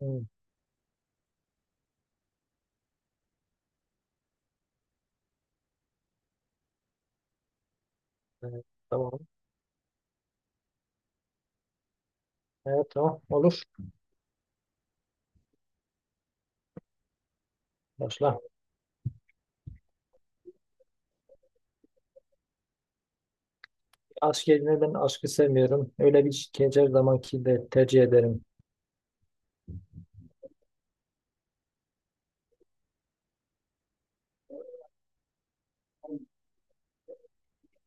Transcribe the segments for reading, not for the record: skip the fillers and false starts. Hmm, evet, tamam. Evet tamam olur. Başla. Aşk yerine ben aşkı sevmiyorum. Öyle bir şikayet her zamanki de tercih ederim.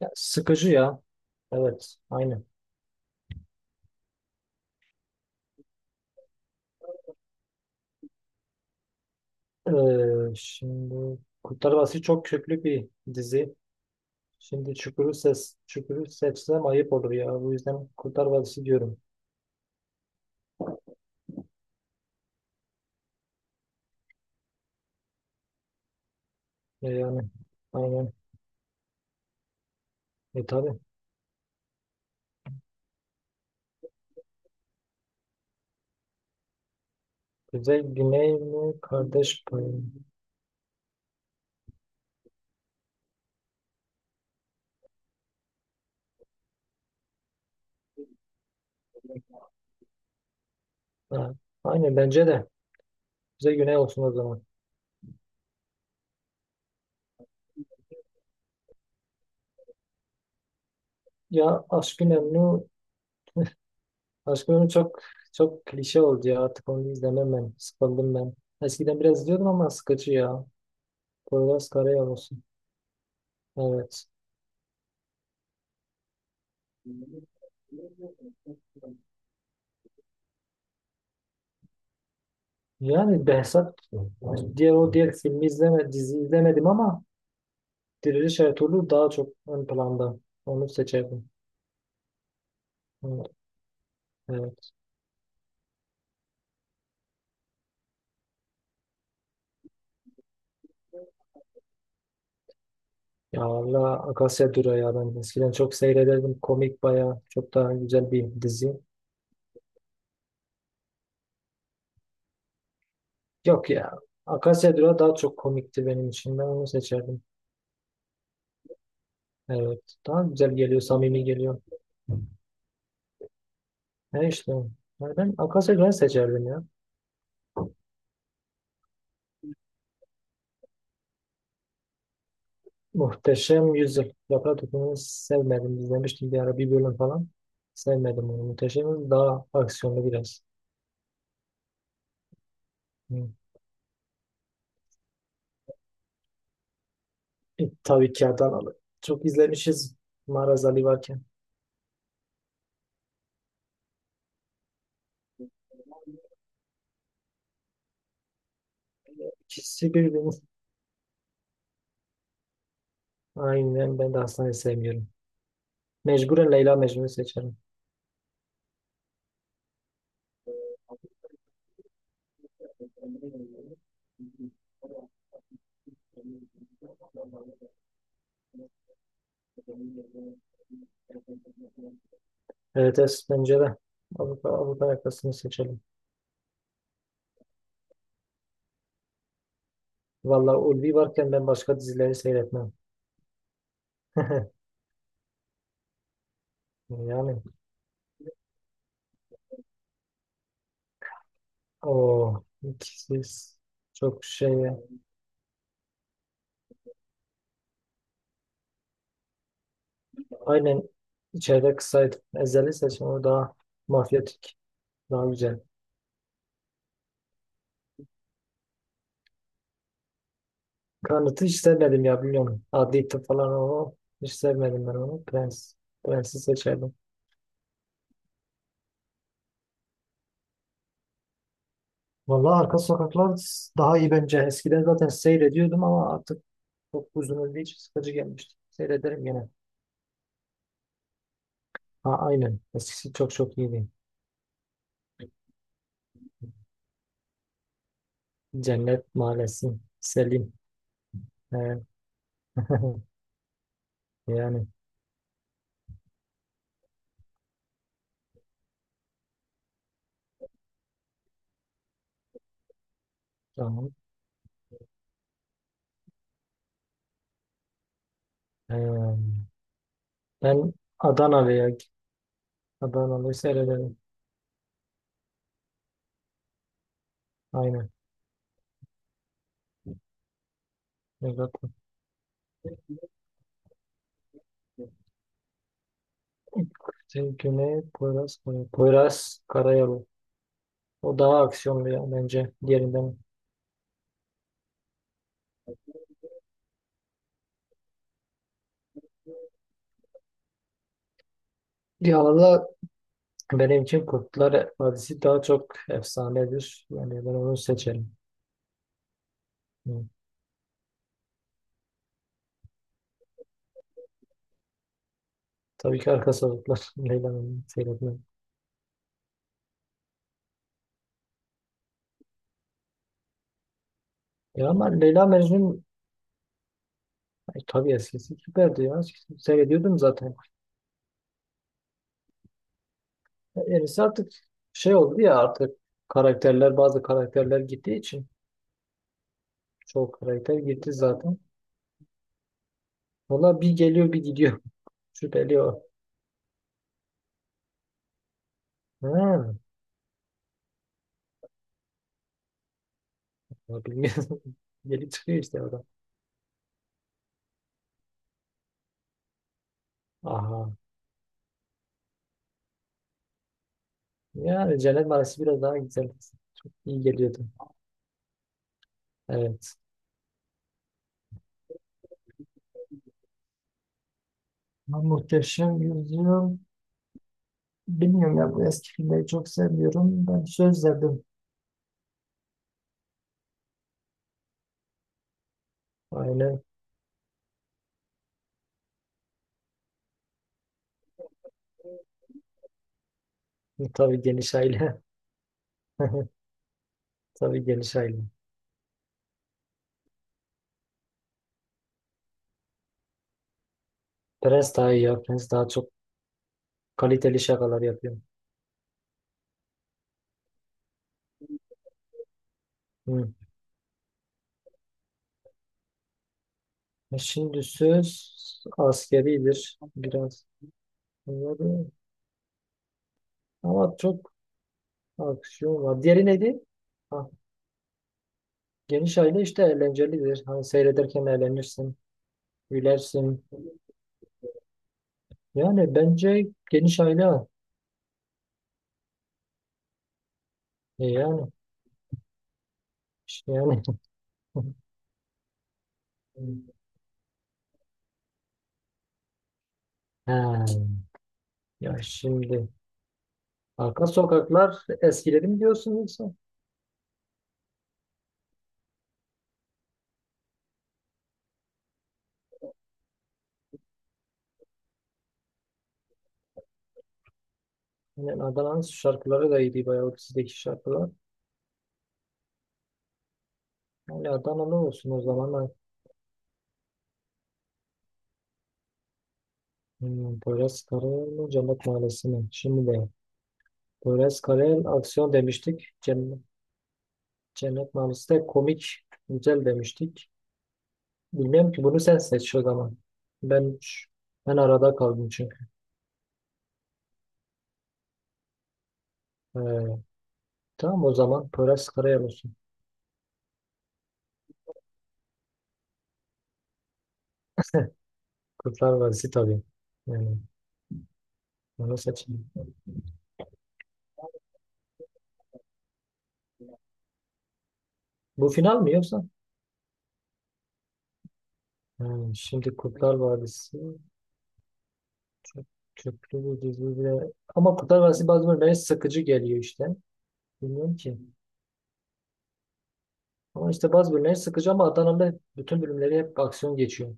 Ya, sıkıcı ya. Evet aynı. Şimdi Kurtlar Vadisi çok köklü bir dizi. Şimdi Çukur'u seçsem ayıp olur ya. Bu yüzden Kurtlar Vadisi diyorum. Yani aynen. E tabii. Kuzey Güney mi? Kardeş payı. Ha, Aynen bence de. Kuzey Güney olsun o zaman. Ya aşkın emni Aşkım çok çok klişe oldu ya artık onu izlemem ben. Sıkıldım ben. Eskiden biraz izliyordum ama sıkıcı ya. Poyraz Karayolası. Evet. Yani Behzat, diğer filmi izleme, dizi izlemedim ama Diriliş Ertuğrul daha çok ön planda. Onu seçerdim. Evet, evet. Ya Allah Akasya Dura ya ben eskiden çok seyrederdim. Komik baya çok daha güzel bir dizi. Yok ya. Akasya Dura daha çok komikti benim için. Ben onu seçerdim. Evet. Daha güzel geliyor, samimi geliyor. Ne işte. Yani ben Akasya Güven'i seçerdim ya. Muhteşem Yüzyıl. Yaprak Dökümü'nü sevmedim. İzlemiştim bir ara bir bölüm falan. Sevmedim onu. Muhteşem Yüzyıl daha aksiyonlu biraz. Hı. E, tabii ki Adanalı. Çok izlemişiz Maraz Ali varken. İkisi birbirini. Aynen ben de Aslan'ı sevmiyorum. Mecburen Leyla Mecnun'u seçerim. Evet, evet bence de. Avrupa yakasını seçelim. Vallahi Ulvi varken ben başka dizileri seyretmem. Yani o ikisiz çok şey. Ya. Aynen içeride kısaydı. Ezeli seçim o daha mafyatik. Daha güzel. Kanıt'ı hiç sevmedim ya biliyorum. Adli tıp falan o. Hiç sevmedim ben onu. Prens. Prens'i seçerdim. Vallahi Arka Sokaklar daha iyi bence. Eskiden zaten seyrediyordum ama artık çok uzun olduğu için sıkıcı gelmişti. Seyrederim yine. Ha, aynen. Eskisi çok çok iyiydi. Cennet Mahallesi. Selim. Ee, yani tamam. Ee, Ben Adanalı'ya Adanalı'yı seyrederim. Aynen. Evet. Poyraz Karayolu. O daha aksiyonlu ya bence diğerinden. Ya valla benim için Kurtlar Vadisi daha çok efsanedir. Yani ben onu seçerim. Hı. Tabii ki arka sokaklar. Leyla'nın seyretmem. Ya ama Leyla Mecnun ay, tabii eskisi süperdi ya. Eskisini seyrediyordum zaten. Yenisi artık şey oldu ya, artık bazı karakterler gittiği için çoğu karakter gitti zaten. Valla bir geliyor bir gidiyor. Şüpheli o. Ha, ya bilmiyorum. Gelip çıkıyor işte orada. Aha. Yani Cennet Mahallesi biraz daha güzel. Çok iyi geliyordu. Evet. Ya Muhteşem Yüzyıl. Bilmiyorum ya bu eski filmleri çok sevmiyorum. Ben söz verdim. Aynen. Tabii geniş aile. Tabii geniş aile. Prens daha iyi ya. Prens daha çok kaliteli şakalar yapıyor. Hı. E şimdi söz askeridir biraz. Bunları... Ama çok aksiyon var. Diğeri neydi? Ha, geniş aile işte eğlencelidir. Hani seyrederken eğlenirsin, gülersin. Yani bence geniş aile. E yani. İşte yani. Ha, ya şimdi arka sokaklar eskileri mi diyorsun yoksa? Yani Adana'nın şarkıları da iyiydi bayağı o dizideki şarkılar. Onlardan ne olsun o zaman ha. Hmm, Poyraz Karayel mi Cennet Mahallesi mi? Şimdi de Poyraz Karayel aksiyon demiştik. Cennet Mahallesi de komik güzel demiştik. Bilmiyorum ki bunu sen seç o zaman. Ben ben arada kaldım çünkü. Ee, tamam o zaman Poyraz Karayel olsun. Kurtlar Vadisi tabii. Yani onu seçeyim. Bu final mi yoksa? Hmm, şimdi Kurtlar Vadisi çok köklü bir dizi bile- Ama Kurtlar Vadisi bazı bölümleri sıkıcı geliyor işte. Bilmiyorum ki. Ama işte bazı bölümleri sıkıcı ama Adanalı bütün bölümleri hep aksiyon geçiyor.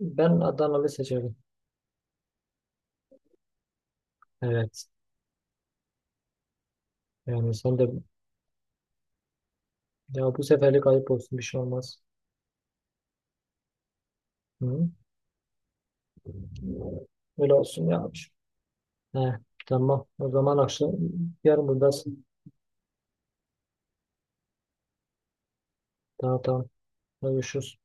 Ben Adanalı seçerim. Evet. Yani sen de ya bu seferlik ayıp olsun bir şey olmaz. Hı? Öyle olsun ya. Heh, tamam. O zaman akşam yarın buradasın. Tamam tamam. Görüşürüz.